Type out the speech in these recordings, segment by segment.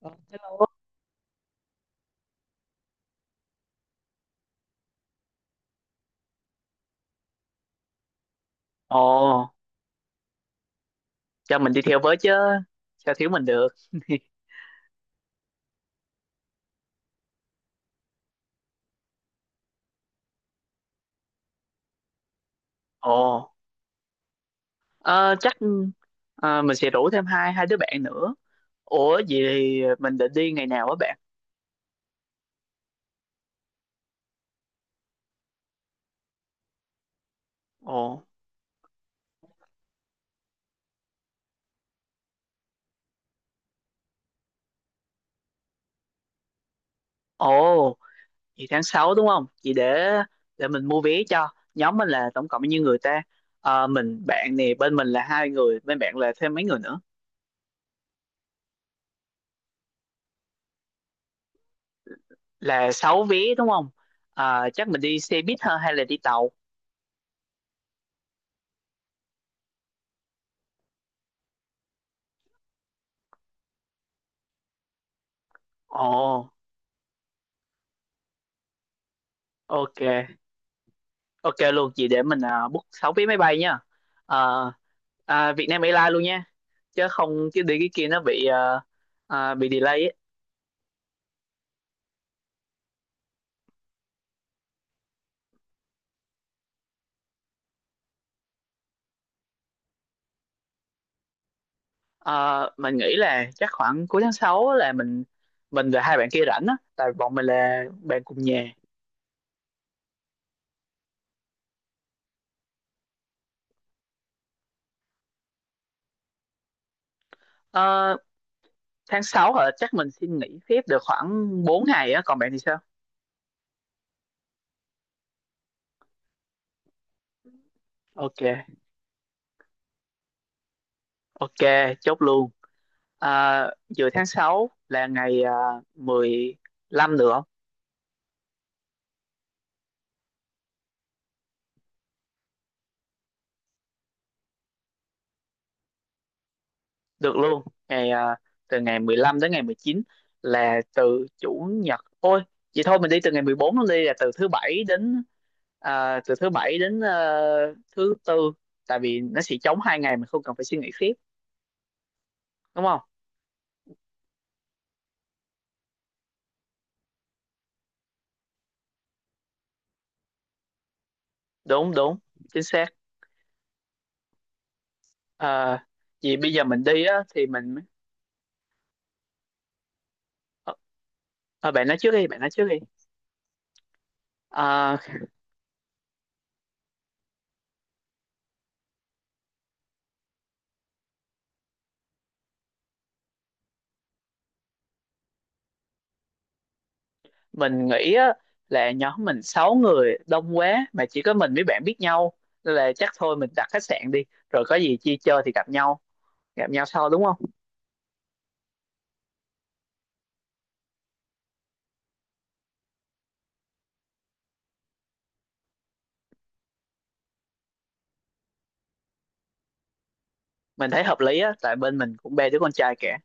Ờ, Hello. Ồ, cho mình đi theo với chứ, sao thiếu mình được. Ồ, ờ, chắc mình sẽ rủ thêm hai hai đứa bạn nữa. Ủa vậy thì mình định đi ngày nào á bạn? Ồ, ồ, vậy tháng sáu đúng không? Vậy để mình mua vé cho. Nhóm mình là tổng cộng bao nhiêu người ta? Mình bạn nè, bên mình là hai người, bên bạn là thêm mấy người nữa. Là 6 vé đúng không? Chắc mình đi xe buýt hơn hay là đi tàu? Ồ, ok. Ok luôn chị, để mình book 6 vé máy bay nha. Ờ, Vietnam Airlines luôn nha. Chứ không, chứ đi cái kia nó bị bị delay ấy. Ờ, mình nghĩ là chắc khoảng cuối tháng 6 là mình và hai bạn kia rảnh á, tại bọn mình là bạn cùng nhà. Ờ, tháng 6 hả? Chắc mình xin nghỉ phép được khoảng 4 ngày á, còn bạn thì sao? Ok, ok, chốt luôn. À, giữa tháng 6 là ngày 15 nữa. Được luôn. Ngày à, từ ngày 15 đến ngày 19 là từ chủ nhật. Ôi, vậy thôi mình đi từ ngày 14 luôn đi, là từ thứ bảy đến à, từ thứ bảy đến ờ, thứ tư, tại vì nó sẽ trống hai ngày, mình không cần phải suy nghĩ tiếp, đúng không? Đúng đúng, chính xác. Ờ, vì bây giờ mình đi á thì mình, ờ, bạn nói trước đi, bạn nói trước đi. Ờ, mình nghĩ á, là nhóm mình 6 người đông quá mà chỉ có mình với bạn biết nhau, nên là chắc thôi mình đặt khách sạn đi, rồi có gì chia chơi thì gặp nhau sau, đúng không? Mình thấy hợp lý á, tại bên mình cũng ba đứa con trai cả.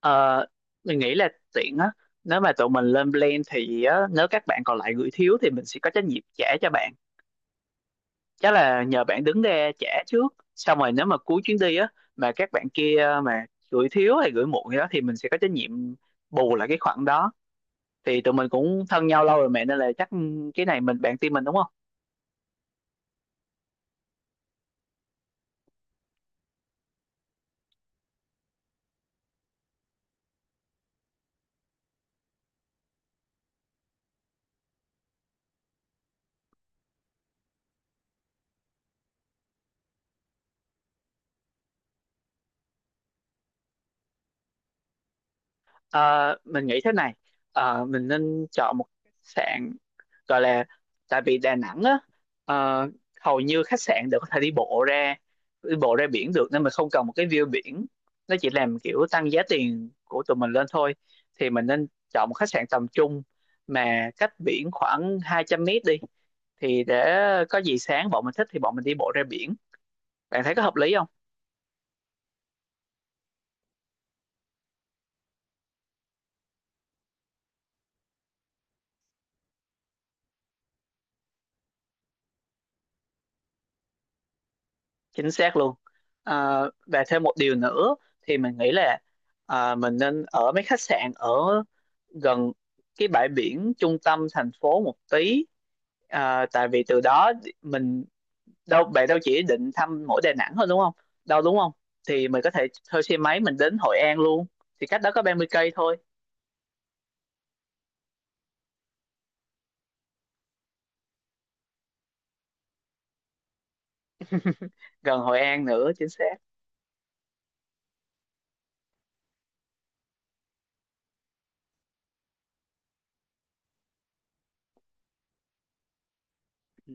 ờ, mình nghĩ là tiện á, nếu mà tụi mình lên plan thì á, nếu các bạn còn lại gửi thiếu thì mình sẽ có trách nhiệm trả cho bạn. Chắc là nhờ bạn đứng ra trả trước, xong rồi nếu mà cuối chuyến đi á mà các bạn kia mà gửi thiếu hay gửi muộn gì đó thì mình sẽ có trách nhiệm bù lại cái khoản đó. Thì tụi mình cũng thân nhau lâu rồi mẹ, nên là chắc cái này mình bạn tin mình, đúng không? Ờ, mình nghĩ thế này. Mình nên chọn một khách sạn gọi là, tại vì Đà Nẵng á, ờ, hầu như khách sạn đều có thể đi bộ ra biển được nên mình không cần một cái view biển, nó chỉ làm kiểu tăng giá tiền của tụi mình lên thôi. Thì mình nên chọn một khách sạn tầm trung mà cách biển khoảng 200 mét đi, thì để có gì sáng bọn mình thích thì bọn mình đi bộ ra biển, bạn thấy có hợp lý? Chính xác luôn. Và thêm một điều nữa, thì mình nghĩ là mình nên ở mấy khách sạn ở gần cái bãi biển trung tâm thành phố một tí, tại vì từ đó mình, đâu bạn đâu chỉ định thăm mỗi Đà Nẵng thôi đúng không, đâu đúng không? Thì mình có thể thuê xe máy mình đến Hội An luôn, thì cách đó có 30 cây thôi. Gần Hội An nữa, chính xác. Ừ,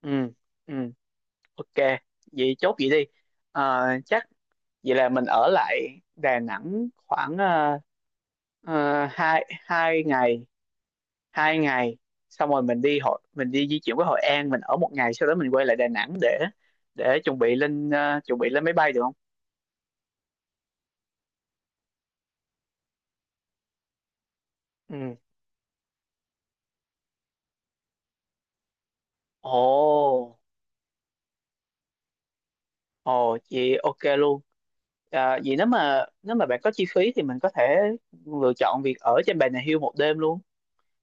ừ, ừ, ok. Vậy chốt vậy đi, à, chắc vậy là mình ở lại Đà Nẵng khoảng à, Ờ, hai hai ngày Xong rồi mình đi di chuyển qua Hội An, mình ở một ngày, sau đó mình quay lại Đà Nẵng để chuẩn bị lên máy bay được không? Ừ, ồ, ồ chị, ok luôn. Vậy nếu mà bạn có chi phí thì mình có thể lựa chọn việc ở trên Bà Nà Hills một đêm luôn,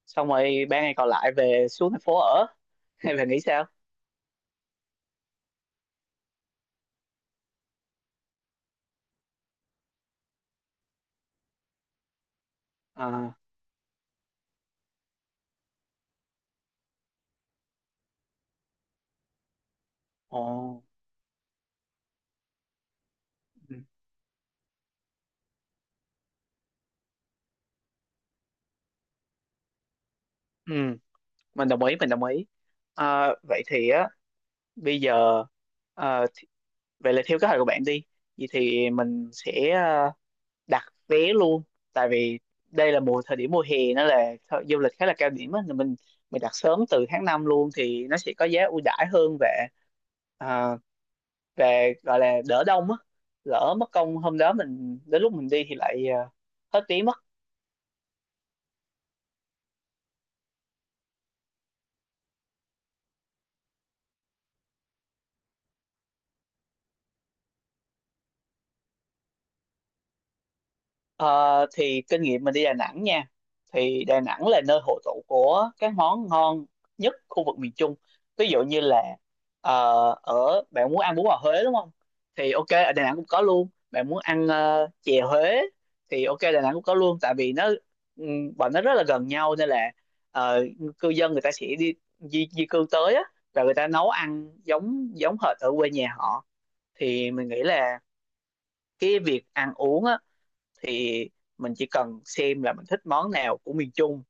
xong rồi ba ngày còn lại về xuống thành phố ở. Hay bạn nghĩ sao? À, ồ, ừ, ừ, mình đồng ý mình đồng ý. Vậy thì á, bây giờ, ờ, vậy là theo kế hoạch của bạn đi, vậy thì mình sẽ đặt vé luôn, tại vì đây là thời điểm mùa hè, nó là du lịch khá là cao điểm á, nên mình đặt sớm từ tháng 5 luôn thì nó sẽ có giá ưu đãi hơn, và à, về gọi là đỡ đông á, lỡ mất công hôm đó mình đến lúc mình đi thì lại hết vé mất. Ờ, thì kinh nghiệm mình đi Đà Nẵng nha, thì Đà Nẵng là nơi hội tụ của các món ngon nhất khu vực miền Trung, ví dụ như là ờ, ở bạn muốn ăn bún bò Huế đúng không, thì ok, ở Đà Nẵng cũng có luôn, bạn muốn ăn chè Huế thì ok, Đà Nẵng cũng có luôn, tại vì nó bọn nó rất là gần nhau, nên là ờ, cư dân người ta sẽ đi di cư tới á, và người ta nấu ăn giống giống hệt ở quê nhà họ. Thì mình nghĩ là cái việc ăn uống á, thì mình chỉ cần xem là mình thích món nào của miền Trung,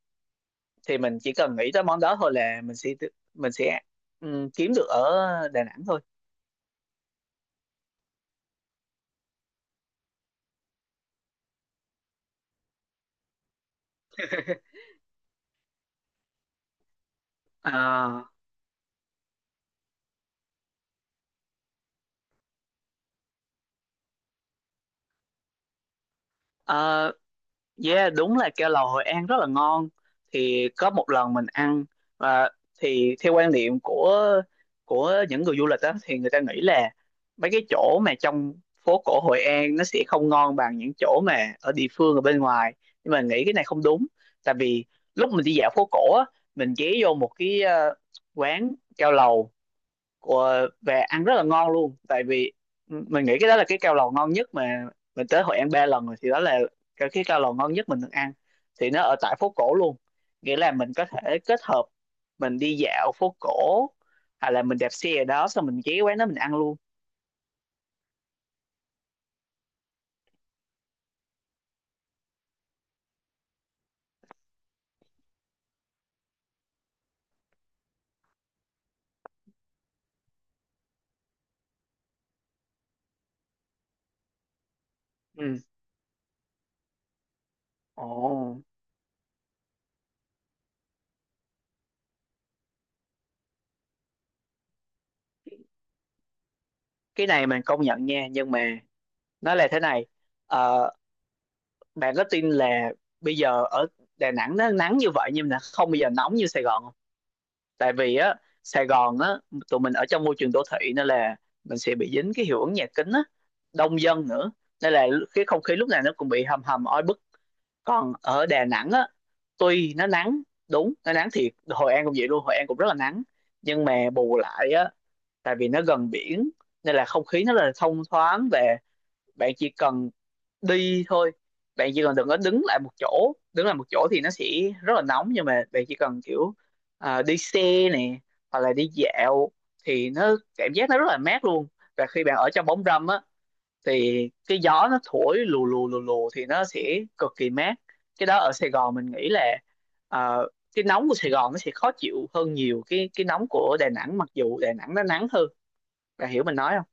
thì mình chỉ cần nghĩ tới món đó thôi là mình sẽ kiếm được ở Đà Nẵng thôi. À, yeah, đúng là keo lầu Hội An rất là ngon. Thì có một lần mình ăn, và thì theo quan niệm của những người du lịch á thì người ta nghĩ là mấy cái chỗ mà trong phố cổ Hội An nó sẽ không ngon bằng những chỗ mà ở địa phương ở bên ngoài. Nhưng mà nghĩ cái này không đúng. Tại vì lúc mình đi dạo phố cổ á, mình ghé vô một cái quán keo lầu của về ăn rất là ngon luôn, tại vì mình nghĩ cái đó là cái cao lầu ngon nhất, mà mình tới Hội An ba lần rồi thì đó là cái cao lầu ngon nhất mình được ăn, thì nó ở tại phố cổ luôn, nghĩa là mình có thể kết hợp mình đi dạo phố cổ hay là mình đạp xe ở đó xong mình ghé quán đó mình ăn luôn. Ừ, ồ, cái này mình công nhận nha, nhưng mà nó là thế này. Ờ, bạn có tin là bây giờ ở Đà Nẵng nó nắng như vậy nhưng mà không bao giờ nóng như Sài Gòn. Tại vì á, Sài Gòn á, tụi mình ở trong môi trường đô thị nên là mình sẽ bị dính cái hiệu ứng nhà kính á, đông dân nữa, nên là cái không khí lúc nào nó cũng bị hầm hầm oi bức. Còn ở Đà Nẵng á, tuy nó nắng, đúng nó nắng thiệt, Hội An cũng vậy luôn, Hội An cũng rất là nắng, nhưng mà bù lại á, tại vì nó gần biển nên là không khí nó là thông thoáng về, bạn chỉ cần đi thôi, bạn chỉ cần đừng có đứng lại một chỗ, đứng lại một chỗ thì nó sẽ rất là nóng, nhưng mà bạn chỉ cần kiểu đi xe nè, hoặc là đi dạo thì nó cảm giác nó rất là mát luôn, và khi bạn ở trong bóng râm á thì cái gió nó thổi lù lù lù lù thì nó sẽ cực kỳ mát. Cái đó ở Sài Gòn mình nghĩ là, ờ, cái nóng của Sài Gòn nó sẽ khó chịu hơn nhiều cái nóng của Đà Nẵng, mặc dù Đà Nẵng nó nắng hơn, bạn hiểu mình nói không?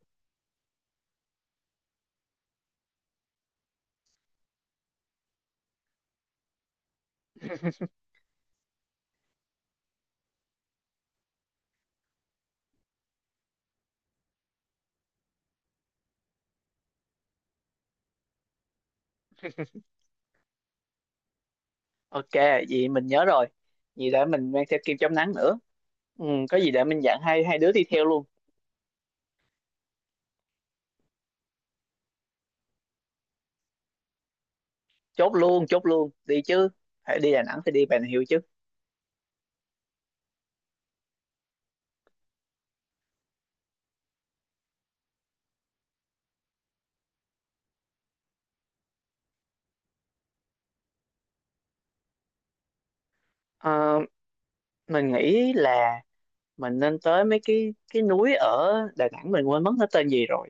Ok, vậy mình nhớ rồi, vậy để mình mang theo kem chống nắng nữa. Ừ, có gì để mình dặn hai hai đứa đi theo luôn. Chốt luôn, chốt luôn đi chứ, phải đi Đà Nẵng thì đi Bà Nà Hills chứ. Ờ, mình nghĩ là mình nên tới mấy cái núi ở Đà Nẵng, mình quên mất nó tên gì rồi,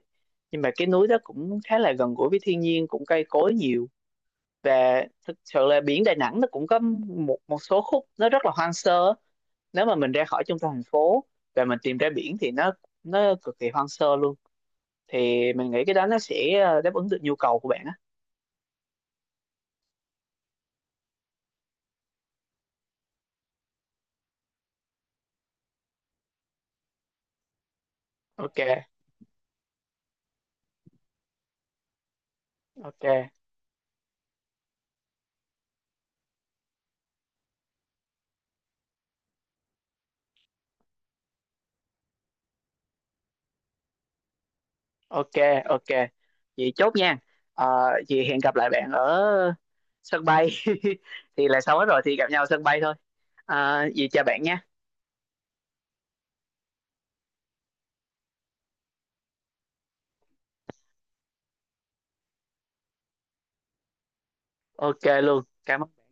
nhưng mà cái núi đó cũng khá là gần gũi với thiên nhiên, cũng cây cối nhiều, và thực sự là biển Đà Nẵng nó cũng có một một số khúc nó rất là hoang sơ, nếu mà mình ra khỏi trung tâm thành phố và mình tìm ra biển thì nó cực kỳ hoang sơ luôn, thì mình nghĩ cái đó nó sẽ đáp ứng được nhu cầu của bạn á. Ok, ok, ok, ok, vậy chốt nha. Vậy hẹn gặp lại bạn ở sân bay. Thì là xong hết rồi thì gặp nhau ở sân bay thôi, vậy chào bạn nha. Ok luôn, cảm ơn.